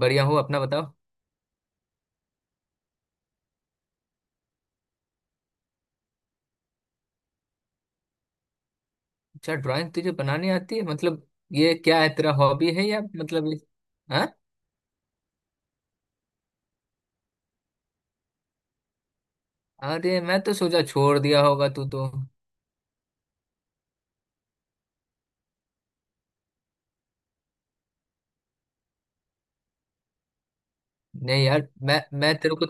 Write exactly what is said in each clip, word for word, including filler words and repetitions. बढ़िया हूँ। अपना बताओ। अच्छा, ड्राइंग तुझे बनानी आती है? मतलब ये क्या है, तेरा हॉबी है या मतलब इस- हाँ। अरे मैं तो सोचा छोड़ दिया होगा तू तो। नहीं यार, मैं मैं तेरे को।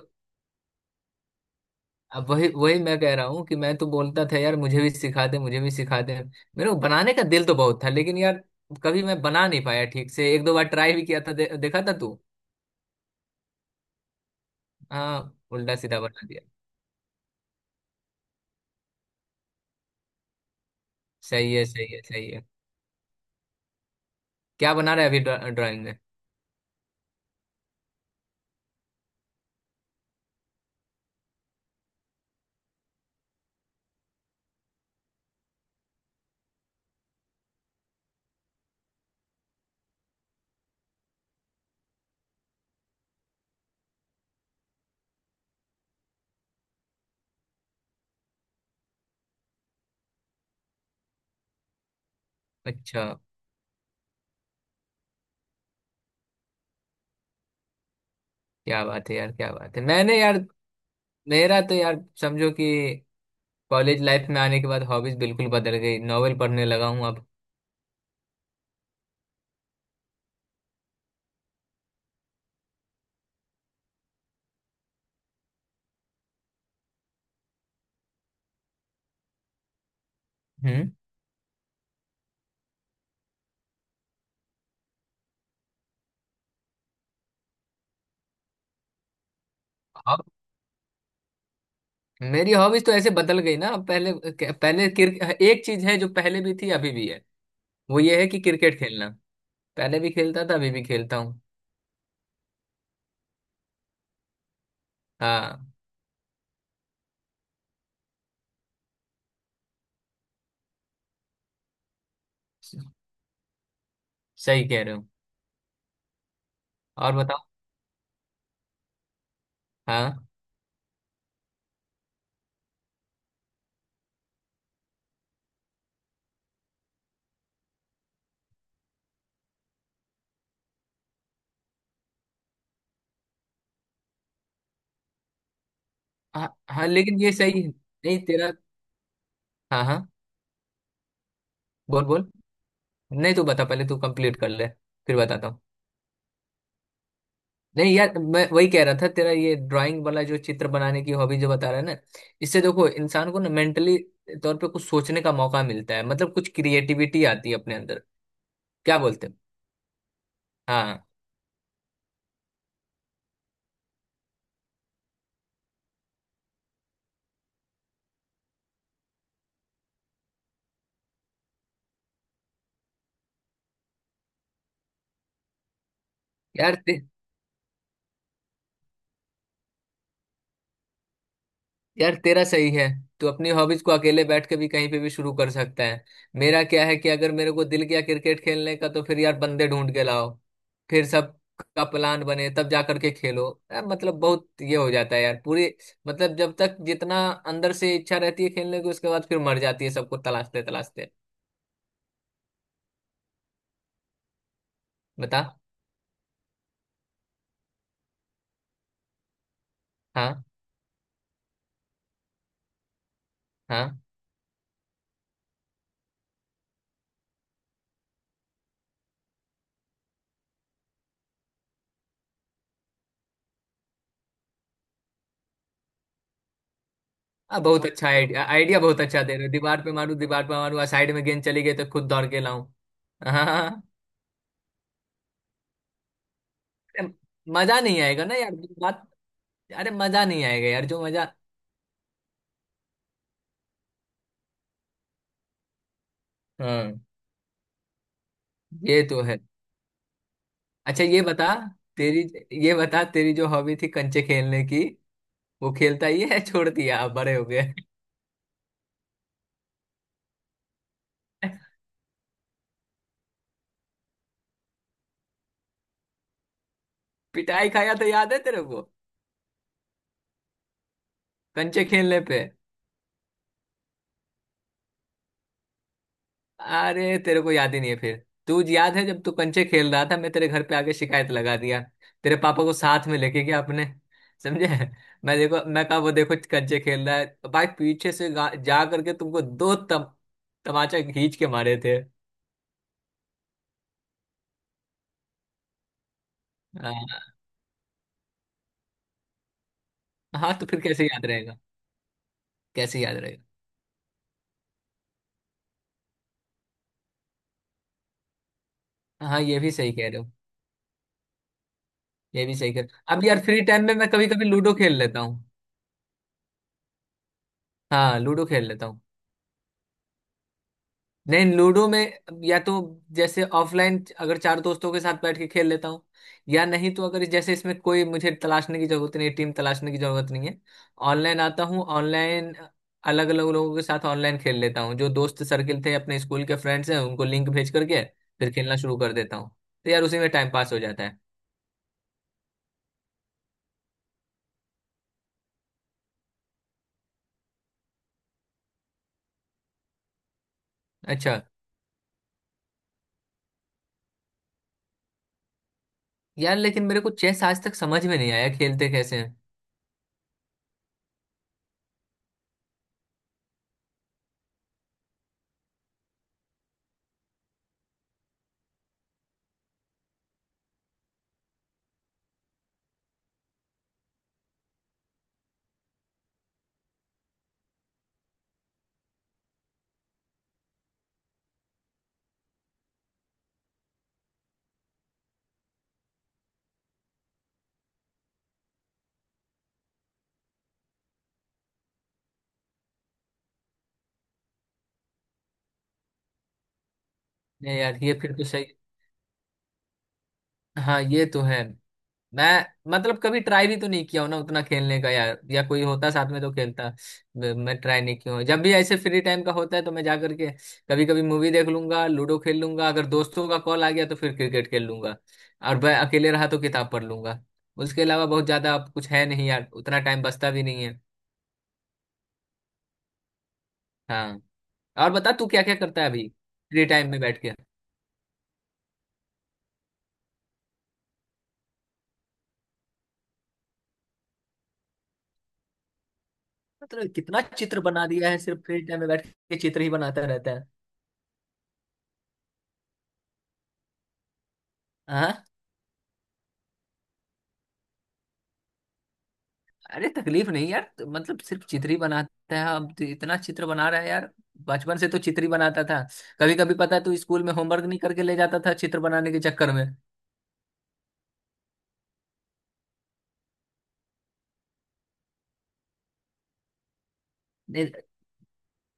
अब वही वही मैं कह रहा हूँ कि मैं तो बोलता था यार, मुझे भी सिखा दे, मुझे भी सिखा दे। मेरे को बनाने का दिल तो बहुत था लेकिन यार, कभी मैं बना नहीं पाया ठीक से। एक दो बार ट्राई भी किया था, दे, देखा था तू। हाँ, उल्टा सीधा बना दिया। सही है, सही है, सही है। क्या बना रहा है अभी ड्रा- ड्राइंग में? अच्छा। क्या बात है यार, क्या बात है। मैंने यार, मेरा तो यार समझो कि कॉलेज लाइफ में आने के बाद हॉबीज बिल्कुल बदल गई। नॉवेल पढ़ने लगा हूँ अब। हम्म। अब, मेरी हॉबीज तो ऐसे बदल गई ना। पहले, पहले क्रिक एक चीज है जो पहले भी थी अभी भी है। वो ये है कि क्रिकेट खेलना। पहले भी खेलता था अभी भी खेलता हूँ। हाँ। स- सही कह रहे हो। और बताओ। हाँ, हाँ। हाँ, लेकिन ये सही है नहीं तेरा। हाँ, हाँ। बोल, बोल। नहीं, तू बता पहले। तू कंप्लीट कर ले, फिर बताता हूँ। नहीं यार, मैं वही कह रहा था, तेरा ये ड्राइंग वाला जो चित्र बनाने की हॉबी जो बता रहा है ना। इससे देखो, इंसान को ना मेंटली तौर पे कुछ सोचने का मौका मिलता है, मतलब कुछ क्रिएटिविटी आती है अपने अंदर। क्या बोलते हो? हाँ। यार ते, यार तेरा सही है। तू अपनी हॉबीज को अकेले बैठ के भी कहीं पे भी शुरू कर सकता है। मेरा क्या है कि अगर मेरे को दिल किया क्रिकेट खेलने का तो फिर यार बंदे ढूंढ के लाओ, फिर सब का प्लान बने तब जा करके खेलो। यार मतलब बहुत ये हो जाता है यार, पूरी मतलब जब तक जितना अंदर से इच्छा रहती है खेलने की, उसके बाद फिर मर जाती है सबको तलाशते तलाशते। बता। हाँ। हाँ, हाँ, बहुत अच्छा आइडिया, आइडिया बहुत अच्छा दे रहे हो, दीवार पे मारू, दीवार पे मारू, साइड में गेंद चली गई तो खुद दौड़ के लाऊं? हाँ। मजा नहीं आएगा ना यार। बात, अरे मजा नहीं आएगा यार, जो मजा। हाँ, ये तो है। अच्छा, ये बता तेरी, ये बता तेरी जो हॉबी थी कंचे खेलने की, वो खेलता ही है? छोड़ दिया अब? बड़े हो गए? पिटाई खाया तो याद है तेरे को? कंचे खेलने पे। अरे तेरे को याद ही नहीं है फिर? तू याद है जब तू कंचे खेल रहा था, मैं तेरे घर पे आके शिकायत लगा दिया। तेरे पापा को साथ में लेके गया अपने। समझे? मैं देखो, मैं कहा वो देखो कंचे खेल रहा है। भाई पीछे से गा- जा करके तुमको दो तम, तमाचा खींच के मारे थे। हाँ। हाँ तो फिर कैसे याद रहेगा। कैसे याद रहेगा। हाँ, ये भी सही कह रहे हो। ये भी सही कह रहे हो। अब यार फ्री टाइम में मैं कभी कभी लूडो खेल लेता हूँ। हाँ, लूडो खेल लेता हूँ। नहीं, लूडो में या तो जैसे ऑफलाइन अगर चार दोस्तों के साथ बैठ के खेल लेता हूँ, या नहीं तो अगर जैसे इसमें कोई मुझे तलाशने की जरूरत नहीं, टीम तलाशने की जरूरत नहीं है। ऑनलाइन आता हूँ, ऑनलाइन अलग अलग लोगों के साथ ऑनलाइन खेल लेता हूँ। जो दोस्त सर्किल थे अपने स्कूल के फ्रेंड्स हैं उनको लिंक भेज करके फिर खेलना शुरू कर देता हूँ। तो यार उसी में टाइम पास हो जाता है। अच्छा। यार लेकिन मेरे को चेस आज तक समझ में नहीं आया, खेलते कैसे हैं? नहीं यार, ये फिर तो सही। हाँ, ये तो है। मैं मतलब कभी ट्राई भी तो नहीं किया हूं ना उतना खेलने का यार, या कोई होता साथ में तो खेलता। मैं मैं ट्राई नहीं किया हूं। जब भी ऐसे फ्री टाइम का होता है तो मैं जा करके कभी कभी मूवी देख लूंगा, लूडो खेल लूंगा, अगर दोस्तों का कॉल आ गया तो फिर क्रिकेट खेल लूंगा। और मैं अकेले रहा तो किताब पढ़ लूंगा। उसके अलावा बहुत ज्यादा अब कुछ है नहीं यार, उतना टाइम बचता भी नहीं है। हाँ, और बता, तू क्या क्या करता है अभी फ्री टाइम में बैठ के। मतलब कितना चित्र बना दिया है, सिर्फ फ्री टाइम में बैठ के चित्र ही बनाता रहता है। हाँ, अरे तकलीफ नहीं यार, तो मतलब सिर्फ चित्र ही बनाता है? अब तो इतना चित्र बना रहा है यार, बचपन से तो चित्र ही बनाता था। कभी कभी पता है तू स्कूल में होमवर्क नहीं करके ले जाता था चित्र बनाने के चक्कर में। नहीं,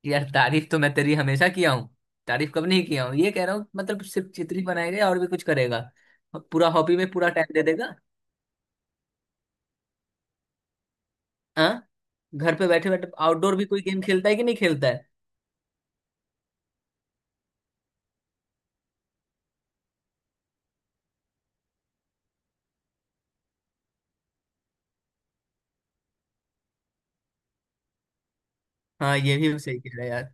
यार तारीफ तो मैं तेरी हमेशा किया हूँ। तारीफ कब नहीं किया हूँ, ये कह रहा हूँ मतलब सिर्फ चित्र ही बनाएगा, और भी कुछ करेगा? पूरा हॉबी में पूरा टाइम दे देगा? हाँ। घर पे बैठे बैठे आउटडोर भी कोई गेम खेलता है कि नहीं खेलता है? हाँ, ये भी सही कह रहा है यार।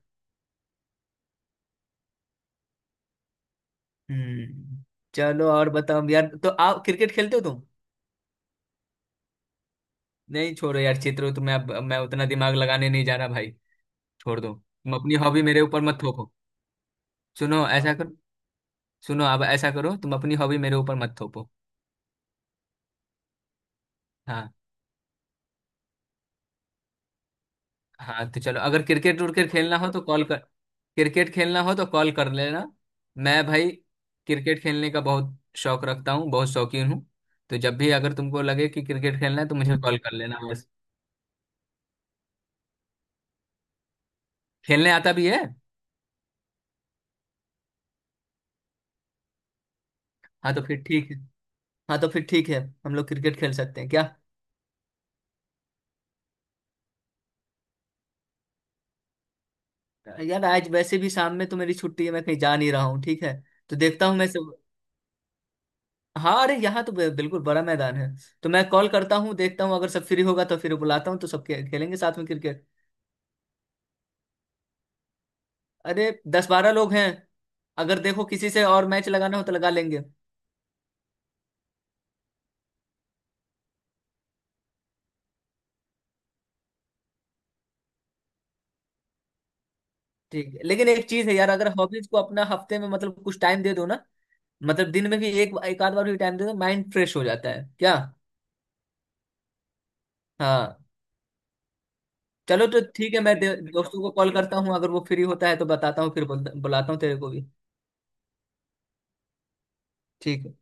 हम्म। चलो, और बताओ यार, तो आप क्रिकेट खेलते हो तुम? नहीं छोड़ो यार, चित्रो तो मैं अब- मैं उतना दिमाग लगाने नहीं जा रहा भाई। छोड़ दो, तुम अपनी हॉबी मेरे ऊपर मत थोपो। सुनो, ऐसा करो, सुनो अब ऐसा करो, तुम अपनी हॉबी मेरे ऊपर मत थोपो। हाँ, हाँ तो चलो, अगर क्रिकेट उर्केट खेलना हो तो कॉल कर, क्रिकेट खेलना हो तो कॉल कर लेना। मैं भाई क्रिकेट खेलने का बहुत शौक रखता हूँ, बहुत शौकीन हूँ। तो जब भी अगर तुमको लगे कि क्रिकेट खेलना है तो मुझे कॉल कर लेना बस। खेलने आता भी है। हाँ तो फिर ठीक है। हाँ तो फिर ठीक है। हम लोग क्रिकेट खेल सकते हैं क्या? यार आज वैसे भी शाम में तो मेरी छुट्टी है, मैं कहीं जा नहीं रहा हूँ, ठीक है। तो देखता हूँ मैं सब। हाँ, अरे यहाँ तो बि- बिल्कुल बड़ा मैदान है। तो मैं कॉल करता हूँ, देखता हूँ अगर सब फ्री होगा तो फिर बुलाता हूँ, तो सब खे- खेलेंगे साथ में क्रिकेट। अरे दस बारह लोग हैं। अगर देखो किसी से और मैच लगाना हो तो लगा लेंगे। ठीक है, लेकिन एक चीज है यार, अगर हॉबीज को अपना हफ्ते में मतलब कुछ टाइम दे दो ना, मतलब दिन में भी एक एक आध बार भी टाइम दे दो, माइंड फ्रेश हो जाता है क्या। हाँ। चलो तो ठीक है, मैं दे- दोस्तों को कॉल करता हूँ, अगर वो फ्री होता है तो बताता हूँ, फिर बोल, बुलाता हूँ तेरे को भी। ठीक है।